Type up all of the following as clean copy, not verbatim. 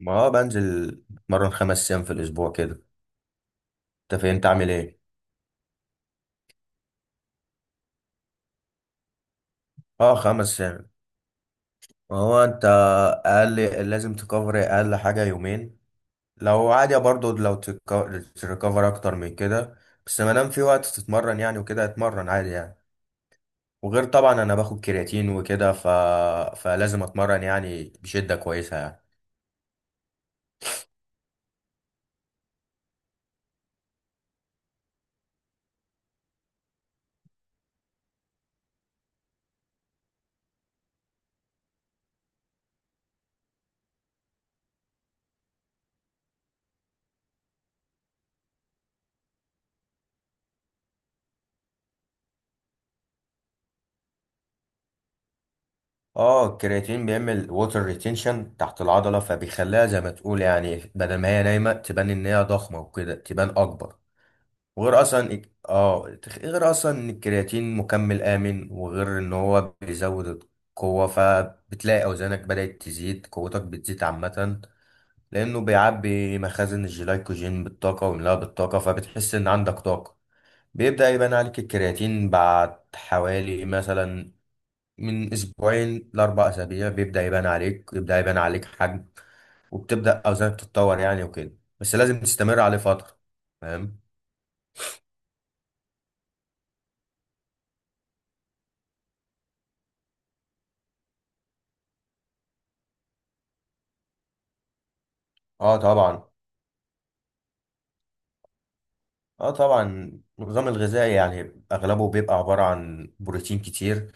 ما هو بنزل. اتمرن خمس ايام في الاسبوع كده. انت فين؟ انت عامل ايه؟ اه، خمس ايام. ما هو انت اقل. لازم تكفر اقل حاجه يومين. لو عادي برضو لو تريكفر اكتر من كده. بس ما دام في وقت تتمرن يعني وكده اتمرن عادي يعني. وغير طبعا انا باخد كرياتين وكده. فلازم اتمرن يعني بشده كويسه يعني. اه، الكرياتين بيعمل ووتر ريتينشن تحت العضله، فبيخليها زي ما تقول يعني، بدل ما هي نايمه تبان ان هي ضخمه وكده، تبان اكبر. وغير اصلا غير اصلا ان الكرياتين مكمل امن، وغير ان هو بيزود القوه، فبتلاقي اوزانك بدات تزيد، قوتك بتزيد عامه. لانه بيعبي مخازن الجلايكوجين بالطاقه ويملاها بالطاقه، فبتحس ان عندك طاقه. بيبدا يبان عليك الكرياتين بعد حوالي مثلا من اسبوعين لاربع اسابيع، بيبدا يبان عليك، يبدا يبان عليك حجم، وبتبدا اوزانك تتطور يعني وكده. بس لازم تستمر عليه فتره. فاهم؟ اه طبعا، اه طبعا. النظام الغذائي يعني اغلبه بيبقى عبارة عن بروتين كتير.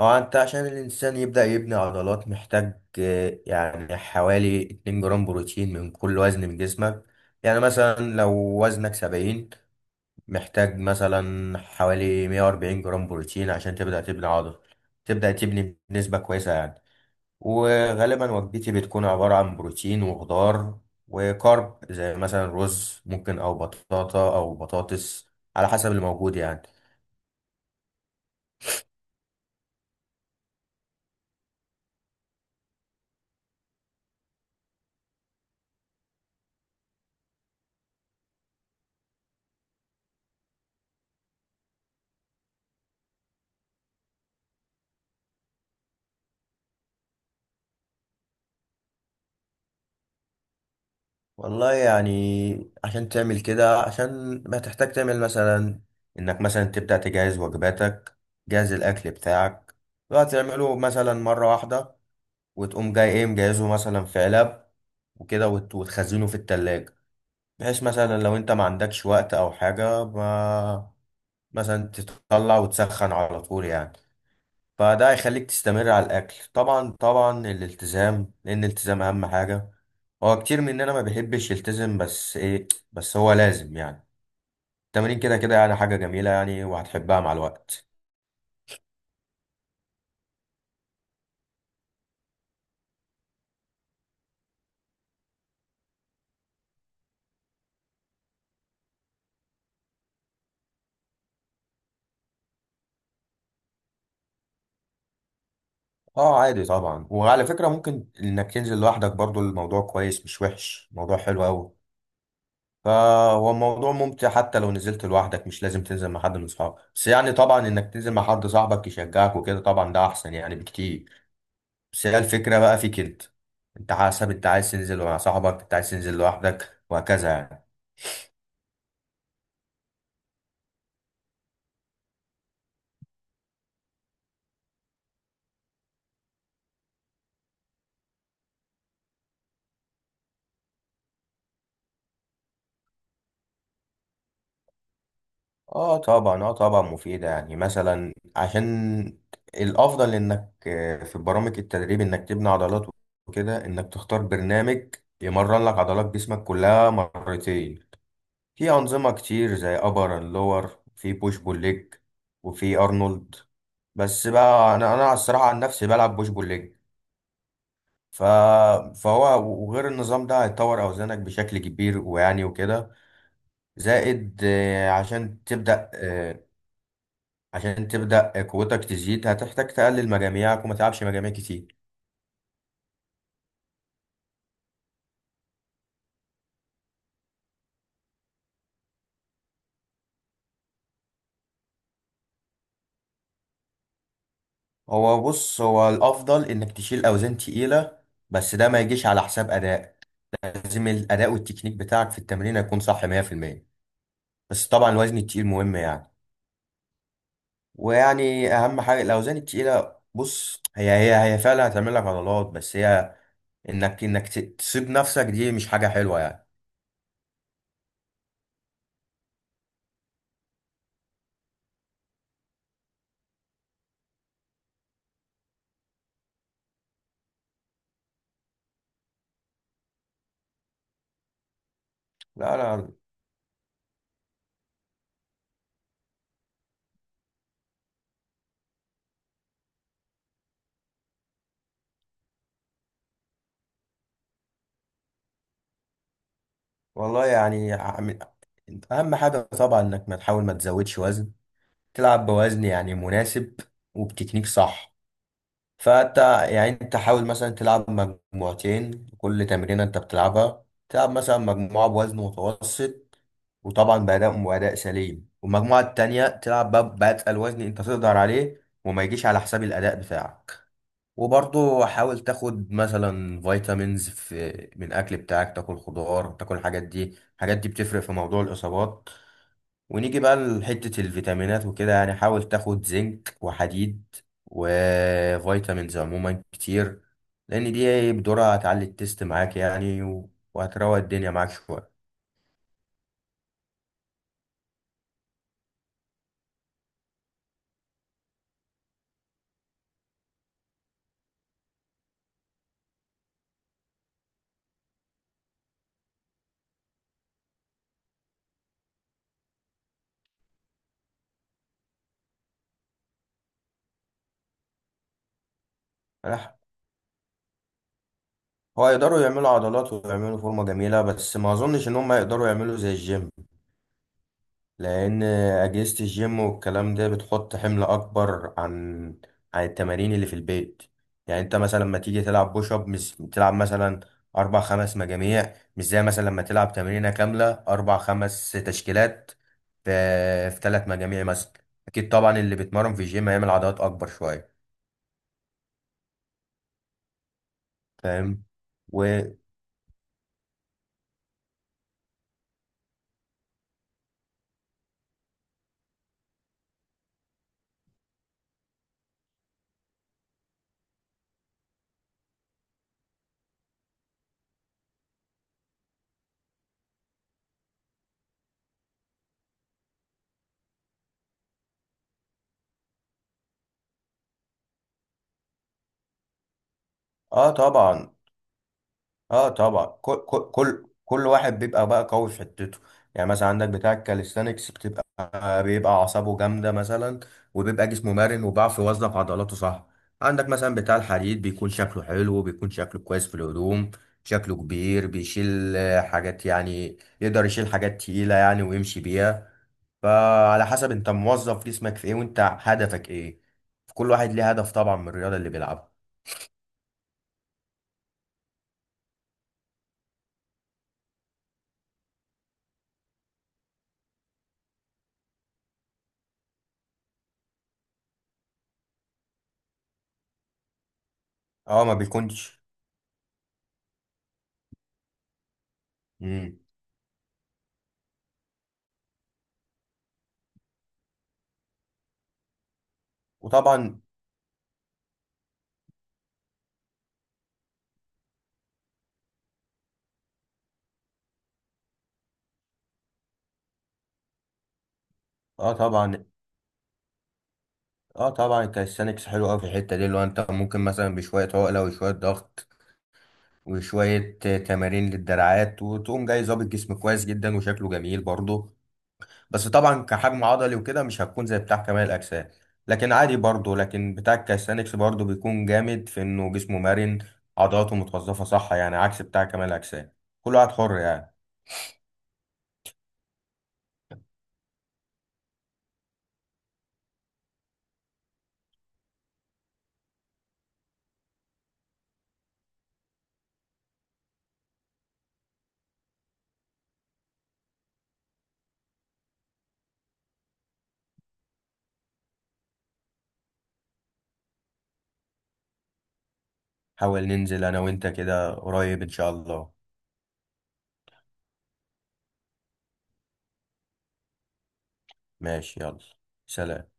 هو انت عشان الانسان يبدأ يبني عضلات محتاج يعني حوالي 2 جرام بروتين من كل وزن من جسمك. يعني مثلا لو وزنك 70، محتاج مثلا حوالي 140 جرام بروتين عشان تبدأ تبني عضل، تبدأ تبني بنسبة كويسة يعني. وغالبا وجبتي بتكون عبارة عن بروتين وخضار وكارب، زي مثلا رز ممكن، أو بطاطا، أو بطاطس، على حسب اللي موجود يعني. والله يعني عشان تعمل كده عشان ما تحتاج تعمل مثلا إنك مثلا تبدأ تجهز وجباتك جهز الأكل بتاعك بقى تعمله مثلا مرة واحدة وتقوم جاي إيه مجهزه مثلا في علب وكده وت- وتخزنه في التلاجة بحيث مثلا لو انت ما عندكش وقت او حاجة ما مثلا تطلع وتسخن على طول يعني فده هيخليك تستمر على الاكل طبعا طبعا الالتزام لان الالتزام اهم حاجه هو كتير مننا ما بيحبش يلتزم بس ايه بس هو لازم يعني التمرين كده كده يعني حاجه جميله يعني وهتحبها مع الوقت اه عادي طبعا وعلى فكره ممكن انك تنزل لوحدك برضو الموضوع كويس مش وحش الموضوع حلو قوي فهو الموضوع ممتع حتى لو نزلت لوحدك مش لازم تنزل مع حد من صحابك بس يعني طبعا انك تنزل مع حد صاحبك يشجعك وكده طبعا ده احسن يعني بكتير بس هي الفكرة بقى فيك انت انت حسب انت عايز تنزل مع صاحبك انت عايز تنزل لوحدك وهكذا يعني اه طبعا اه طبعا مفيدة يعني مثلا عشان الافضل انك آه، في برامج التدريب انك تبني عضلات وكده انك تختار برنامج يمرن لك عضلات جسمك كلها مرتين في انظمة كتير زي ابر اند لور في بوش بول ليج وفي ارنولد بس بقى انا انا الصراحة عن نفسي بلعب بوش بول ليج ف... فهو وغير النظام ده هيطور أوزانك بشكل كبير ويعني وكده زائد آه، عشان تبدأ آه، عشان تبدأ قوتك تزيد هتحتاج تقلل مجاميعك وما تلعبش مجاميع كتير هو بص هو الأفضل إنك تشيل أوزان تقيلة بس ده ما يجيش على حساب أداء لازم الأداء والتكنيك بتاعك في التمرين يكون صح 100% بس طبعا الوزن التقيل مهم يعني ويعني أهم حاجة الأوزان التقيلة بص هي هي هي فعلا هتعمل لك عضلات بس هي انك انك ت- تسيب نفسك دي مش حاجة حلوة يعني لا لا والله يعني عم- اهم حاجة طبعا انك ما تحاول ما تزودش وزن. تلعب بوزن يعني مناسب وبتكنيك صح. فانت يعني انت حاول مثلا تلعب مجموعتين. كل تمرينة انت بتلعبها تلعب مثلا مجموعة بوزن متوسط، وطبعا بأداء سليم، والمجموعة التانية تلعب بأتقل وزن انت تقدر عليه، وما يجيش على حساب الأداء بتاعك. وبرضه حاول تاخد مثلا فيتامينز في، من الاكل بتاعك، تاكل خضار، تاكل الحاجات دي. الحاجات دي بتفرق في موضوع الاصابات. ونيجي بقى لحتة الفيتامينات وكده، يعني حاول تاخد زنك وحديد وفيتامينز عموما كتير، لان دي بدورها هتعلي التست معاك يعني، وهتروق الدنيا معاك شوية. أنا ح- هو يقدروا يعملوا عضلات ويعملوا فورمة جميلة، بس ما اظنش ان هم يقدروا يعملوا زي الجيم. لأن أجهزة الجيم والكلام ده بتحط حمل أكبر عن عن التمارين اللي في البيت. يعني أنت مثلا لما تيجي تلعب بوش أب مش تلعب مثلا أربع خمس مجاميع، مش زي مثلا لما تلعب تمرينة كاملة أربع خمس تشكيلات في في تلات مجاميع مثلا. أكيد طبعا اللي بيتمرن في الجيم هيعمل عضلات أكبر شوية. فاهم؟ و آه طبعا، اه طبعا. كل واحد بيبقى بقى قوي في حتته. يعني مثلا عندك بتاع الكاليستانكس بيبقى اعصابه جامده مثلا، وبيبقى جسمه مرن، وبيعرف يوظف عضلاته صح. عندك مثلا بتاع الحديد بيكون شكله حلو، بيكون شكله كويس في الهدوم، شكله كبير، بيشيل حاجات يعني، يقدر يشيل حاجات تقيله يعني ويمشي بيها. فعلى حسب انت موظف جسمك في ايه، وانت هدفك ايه. كل واحد ليه هدف طبعا من الرياضه اللي بيلعبها. اه، ما بيكونش. مم. وطبعا اه طبعا، اه طبعا الكاليستانكس حلو قوي في الحته دي، اللي هو انت ممكن مثلا بشويه عقله وشويه ضغط وشويه تمارين للدراعات، وتقوم جاي ظابط جسم كويس جدا وشكله جميل برضه. بس طبعا كحجم عضلي وكده مش هتكون زي بتاع كمال الاجسام. لكن عادي برضه، لكن بتاع الكاليستانكس برضه بيكون جامد في انه جسمه مرن، عضلاته متوظفه صح يعني، عكس بتاع كمال الاجسام. كل واحد حر يعني. حاول ننزل انا وانت كده قريب ان شاء الله. ماشي، يلا. سلام.